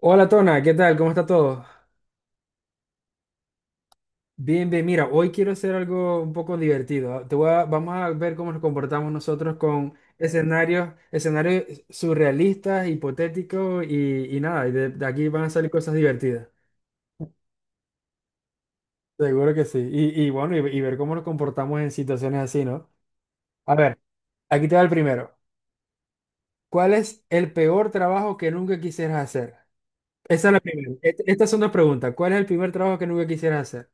Hola Tona, ¿qué tal? ¿Cómo está todo? Bien, bien, mira, hoy quiero hacer algo un poco divertido. Vamos a ver cómo nos comportamos nosotros con escenarios surrealistas, hipotéticos y nada, y de aquí van a salir cosas divertidas. Seguro que sí. Y bueno, y ver cómo nos comportamos en situaciones así, ¿no? A ver, aquí te va el primero. ¿Cuál es el peor trabajo que nunca quisieras hacer? Esa es la primera. Estas son dos preguntas. ¿Cuál es el primer trabajo que nunca quisieras hacer?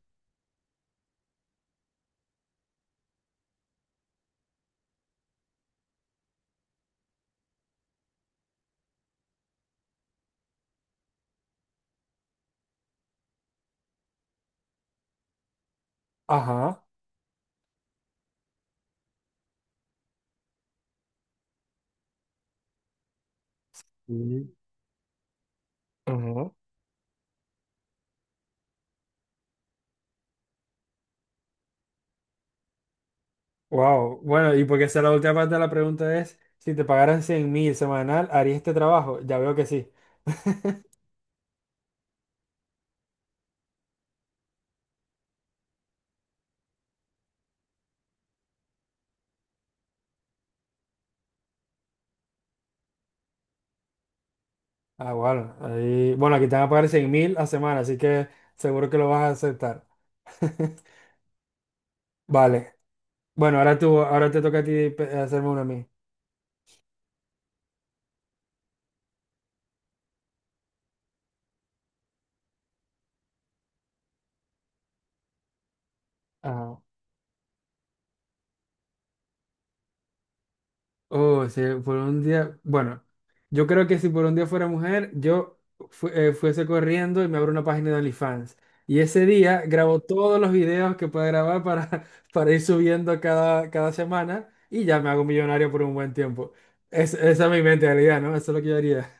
Ajá. Mm. Ajá. Wow, bueno, y porque esa es la última parte de la pregunta es, si te pagaran 100 mil semanal, ¿harías este trabajo? Ya veo que sí. Ah, bueno, ahí, bueno, aquí te van a pagar 100 mil a semana, así que seguro que lo vas a aceptar. Vale, bueno, ahora tú, ahora te toca a ti hacerme una a mí. Ajá. Oh, si por un día, bueno, yo creo que si por un día fuera mujer, yo fuese corriendo y me abro una página de OnlyFans. Y ese día grabo todos los videos que pueda grabar para, para ir subiendo cada semana y ya me hago millonario por un buen tiempo. Esa es mi mentalidad, ¿no? Eso es lo que yo haría.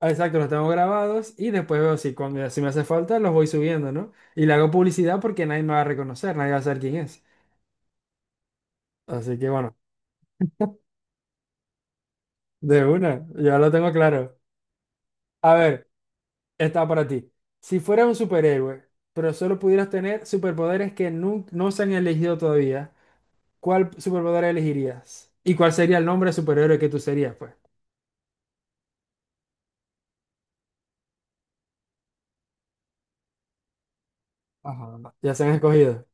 Ah, exacto, los tengo grabados y después veo si, cuando, si me hace falta los voy subiendo, ¿no? Y le hago publicidad porque nadie me va a reconocer, nadie va a saber quién es. Así que bueno, de una, ya lo tengo claro. A ver. Está para ti. Si fueras un superhéroe, pero solo pudieras tener superpoderes que no se han elegido todavía, ¿cuál superpoder elegirías? ¿Y cuál sería el nombre de superhéroe que tú serías, pues? Ajá. Ya se han escogido.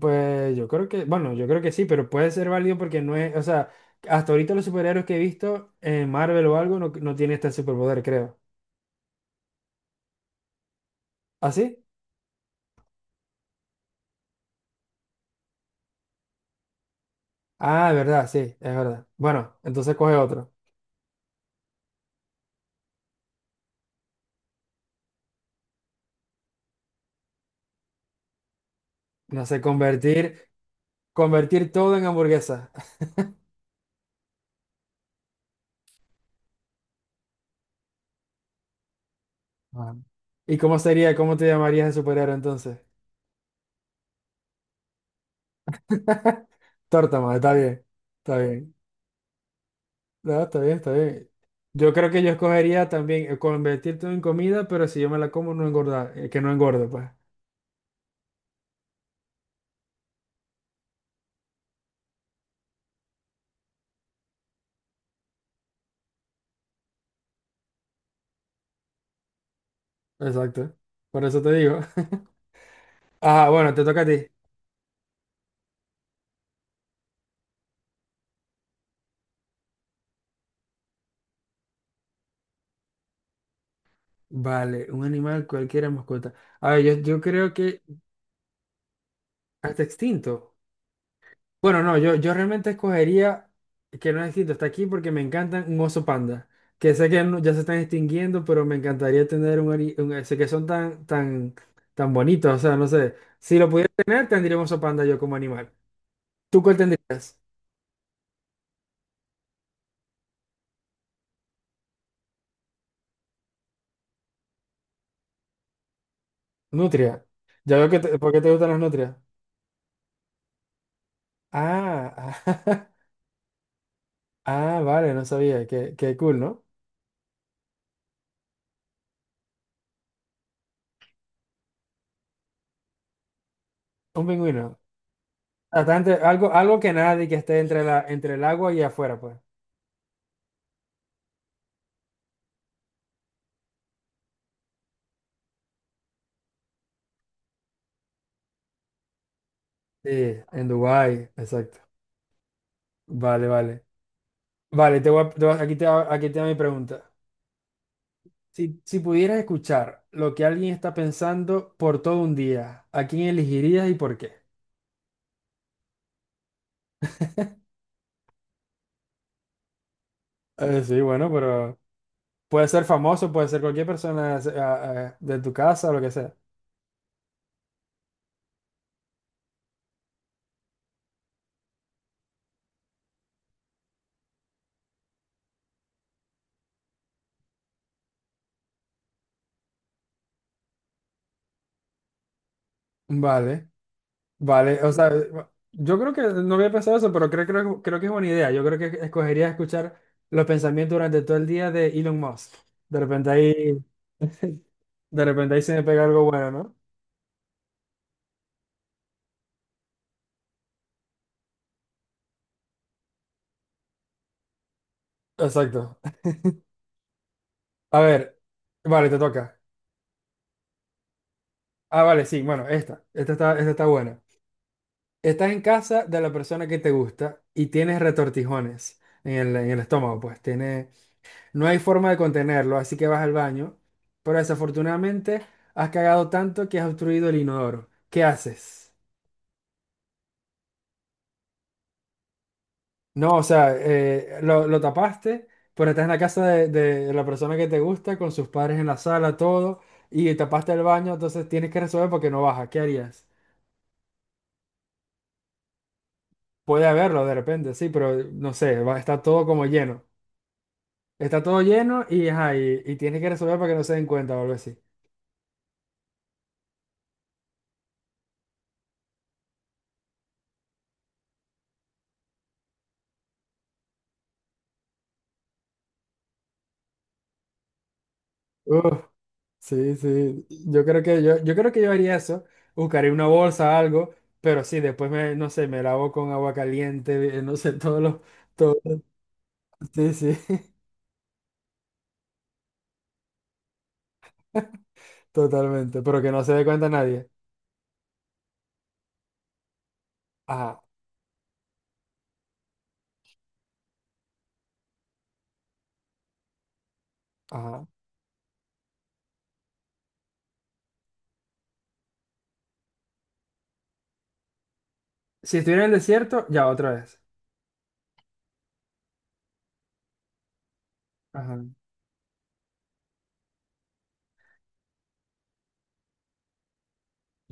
Pues yo creo que, bueno, yo creo que sí, pero puede ser válido porque no es, o sea, hasta ahorita los superhéroes que he visto en Marvel o algo no, no tiene este superpoder, creo. ¿Ah, sí? Ah, verdad, sí, es verdad. Bueno, entonces coge otro. No sé, convertir todo en hamburguesa. Ah. ¿Y cómo sería, cómo te llamarías de superhéroe entonces? Tórtama, está bien, está bien. No, está bien, está bien. Yo creo que yo escogería también convertirte en comida, pero si yo me la como, no engordar, que no engorde, pues. Exacto. Por eso te digo. Ah, bueno, te toca a ti. Vale, un animal, cualquiera mascota. A ver, yo creo que hasta extinto. Bueno, no, yo realmente escogería, que no es distinto, está aquí porque me encantan un oso panda, que sé que ya se están extinguiendo, pero me encantaría tener sé que son tan, tan, tan bonitos, o sea, no sé, si lo pudiera tener, tendría un oso panda yo como animal. ¿Tú cuál tendrías? Nutria. Ya veo que, ¿por qué te gustan las nutrias? Ah, ah, vale, no sabía, qué cool, ¿no? Un pingüino. Algo que nadie que esté entre entre el agua y afuera, pues. Sí, en Dubái, exacto. Vale, vale. Vale, te voy a- aquí te va mi pregunta. Si pudieras escuchar lo que alguien está pensando por todo un día, ¿a quién elegirías y por qué? Sí, bueno, pero puede ser famoso, puede ser cualquier persona de tu casa o lo que sea. Vale, vale. O sea, yo creo que no había pensado eso, pero creo que es buena idea. Yo creo que escogería escuchar los pensamientos durante todo el día de Elon Musk. De repente ahí, de repente ahí se me pega algo bueno, ¿no? Exacto. A ver, vale, te toca. Ah, vale, sí, bueno, esta está buena. Estás en casa de la persona que te gusta y tienes retortijones en en el estómago, pues tiene, no hay forma de contenerlo, así que vas al baño, pero desafortunadamente has cagado tanto que has obstruido el inodoro. ¿Qué haces? No, o sea, lo tapaste, pero estás en la casa de la persona que te gusta, con sus padres en la sala, todo, y tapaste el baño, entonces tienes que resolver porque no baja. ¿Qué harías? Puede haberlo de repente, sí, pero no sé, va, está todo como lleno. Está todo lleno y, ajá, y tienes que resolver para que no se den cuenta o algo así. Uf, sí, sí. Yo creo que yo creo que yo, haría eso. Buscaría una bolsa, algo, pero sí, después no sé, me lavo con agua caliente, no sé, todo, sí, sí, totalmente. Pero que no se dé cuenta nadie. Ajá, ajá. Si estuviera en el desierto, ya otra vez. Ajá.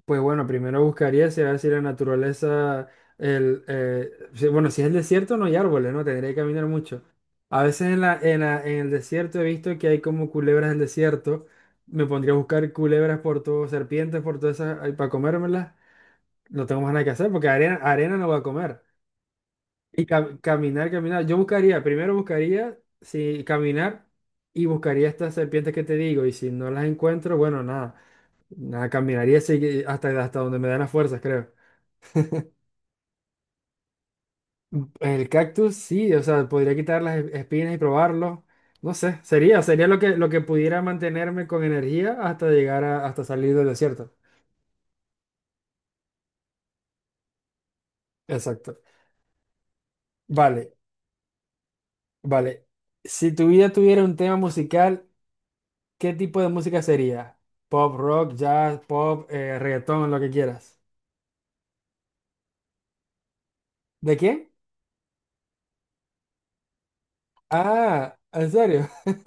Pues bueno, primero buscaría si a ver si la naturaleza, el, si- bueno, si es el desierto no hay árboles, ¿no? Tendría que caminar mucho. A veces en en el desierto he visto que hay como culebras del desierto. Me pondría a buscar culebras por todo, serpientes por todas esas, para comérmelas. No tengo más nada que hacer porque arena, arena no voy a comer. Y caminar, caminar. Primero buscaría, si caminar y buscaría estas serpientes que te digo. Y si no las encuentro, bueno, nada, nada, caminaría hasta donde me dan las fuerzas, creo. El cactus, sí, o sea, podría quitar las espinas y probarlo. No sé, lo que pudiera mantenerme con energía hasta llegar a, hasta salir del desierto. Exacto. Vale, vale. Si tu vida tuviera un tema musical, ¿qué tipo de música sería? Pop, rock, jazz, pop, reggaetón, lo que quieras. ¿De qué? Ah, ¿en serio?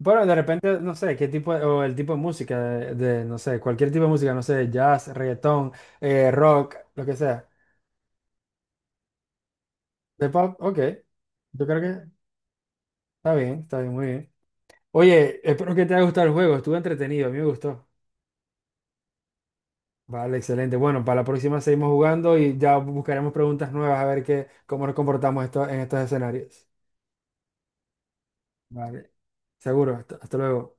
Bueno, de repente, no sé, qué tipo, o el tipo de música, no sé, cualquier tipo de música, no sé, jazz, reggaetón, rock, lo que sea. De pub, ok. Yo creo que está bien, muy bien. Oye, espero que te haya gustado el juego. Estuvo entretenido, a mí me gustó. Vale, excelente. Bueno, para la próxima seguimos jugando y ya buscaremos preguntas nuevas a ver qué, cómo nos comportamos esto, en estos escenarios. Vale, seguro. Hasta luego.